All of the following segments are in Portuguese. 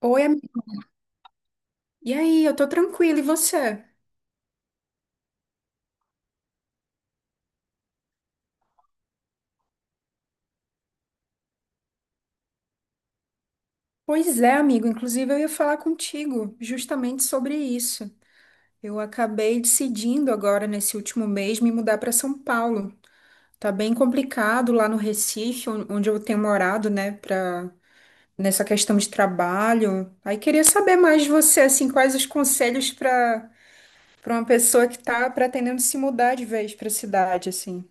Oi, amigo. E aí, eu tô tranquila, e você? Pois é, amigo. Inclusive, eu ia falar contigo justamente sobre isso. Eu acabei decidindo agora, nesse último mês, me mudar para São Paulo. Tá bem complicado lá no Recife, onde eu tenho morado, né, pra... nessa questão de trabalho. Aí queria saber mais de você, assim, quais os conselhos para uma pessoa que tá pretendendo se mudar de vez para a cidade, assim.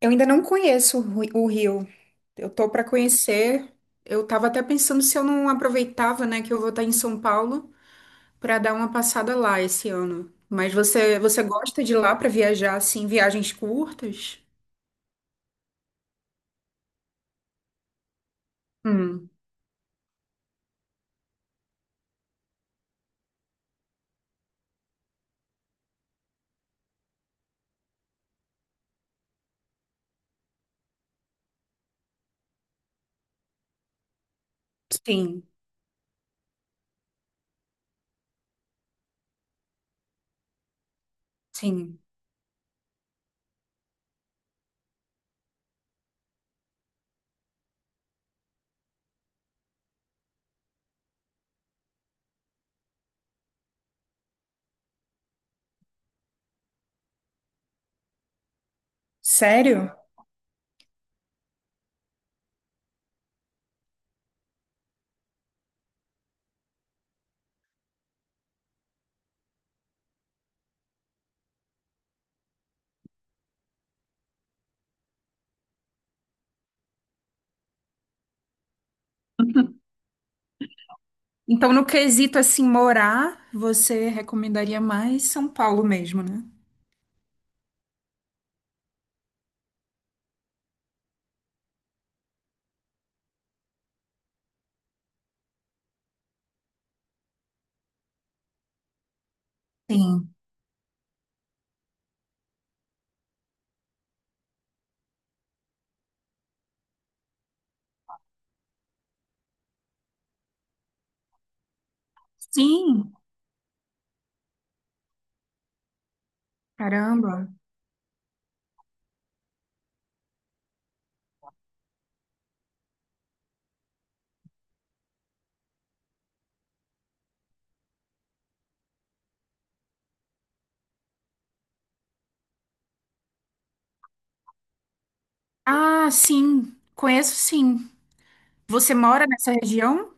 Eu ainda não conheço o o Rio. Eu tô para conhecer. Eu tava até pensando se eu não aproveitava, né, que eu vou estar em São Paulo para dar uma passada lá esse ano. Mas você gosta de ir lá para viajar assim, viagens curtas? Hum, sim, sim. Sério? Então, no quesito assim morar, você recomendaria mais São Paulo mesmo, né? Sim. Sim. Caramba. Ah, sim. Conheço sim. Você mora nessa região?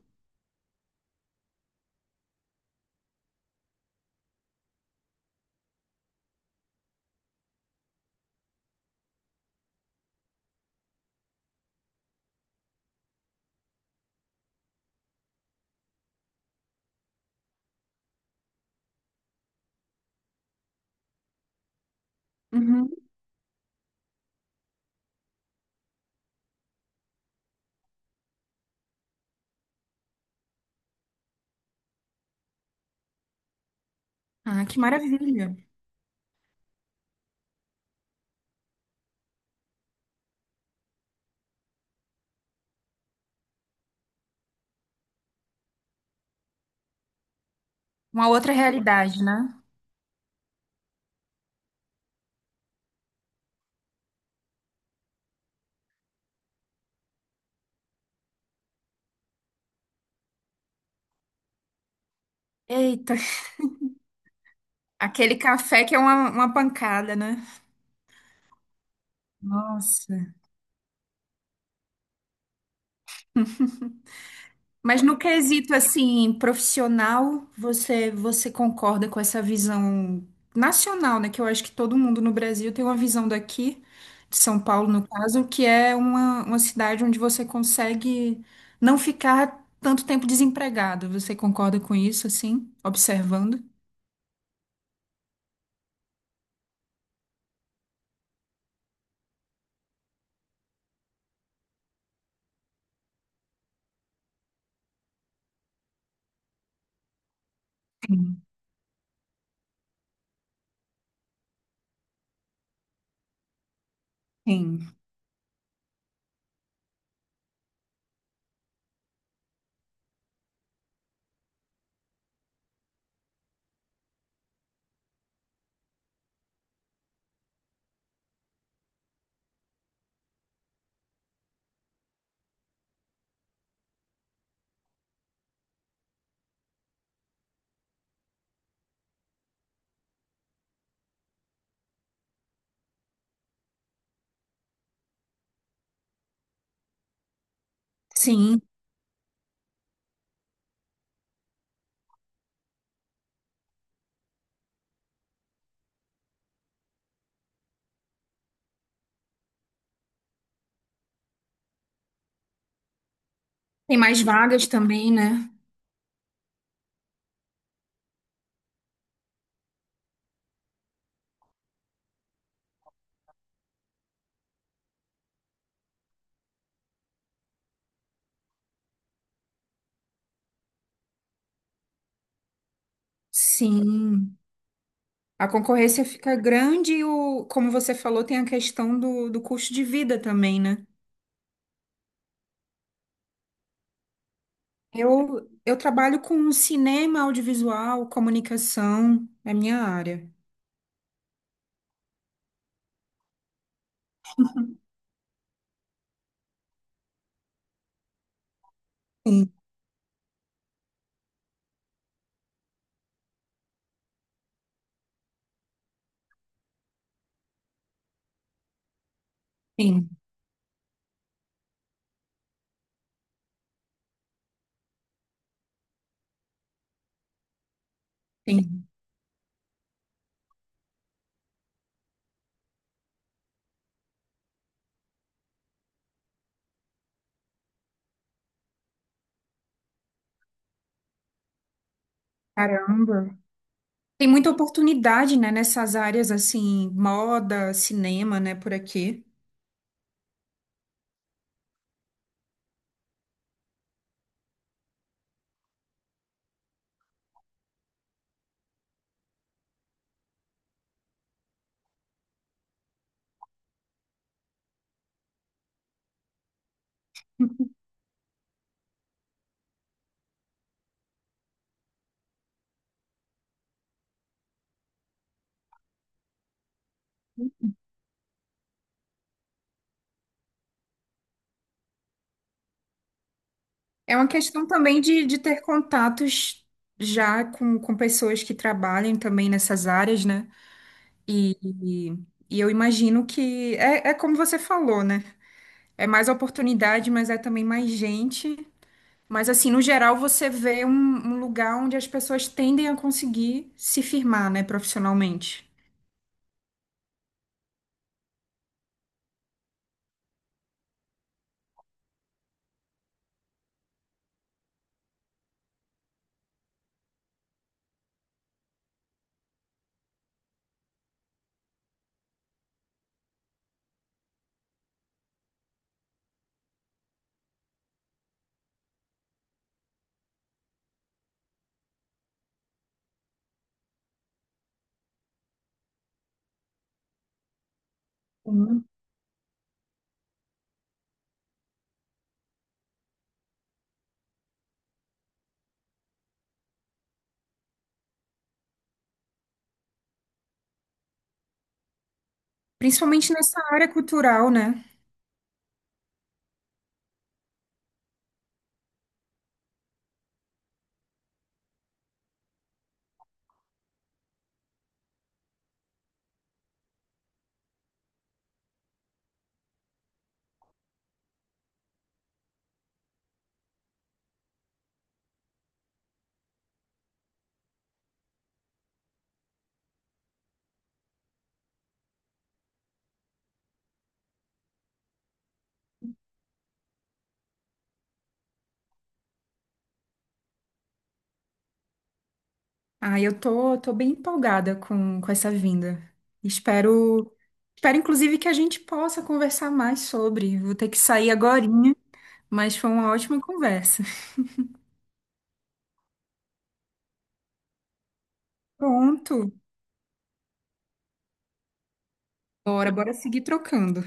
Uhum. Ah, que maravilha. Uma outra realidade, né? Eita, aquele café que é uma pancada, né? Nossa. Mas no quesito assim, profissional, você concorda com essa visão nacional, né? Que eu acho que todo mundo no Brasil tem uma visão daqui, de São Paulo, no caso, que é uma cidade onde você consegue não ficar tanto tempo desempregado. Você concorda com isso, assim, observando? Sim. Sim. Sim. Tem mais vagas também, né? Sim. A concorrência fica grande e, o, como você falou, tem a questão do, do custo de vida também, né? Eu trabalho com cinema, audiovisual, comunicação, é minha área. Sim, sim, sim. Caramba. Tem muita oportunidade, né, nessas áreas assim, moda, cinema, né, por aqui. É uma questão também de ter contatos já com pessoas que trabalham também nessas áreas, né? E, e eu imagino que é, é como você falou, né? É mais oportunidade, mas é também mais gente. Mas, assim, no geral, você vê um, um lugar onde as pessoas tendem a conseguir se firmar, né, profissionalmente. Sim. Principalmente nessa área cultural, né? Ah, eu tô, tô bem empolgada com essa vinda. Espero, espero, inclusive, que a gente possa conversar mais sobre. Vou ter que sair agorinha, mas foi uma ótima conversa. Pronto. Bora, bora seguir trocando.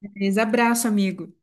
Beleza, abraço, amigo.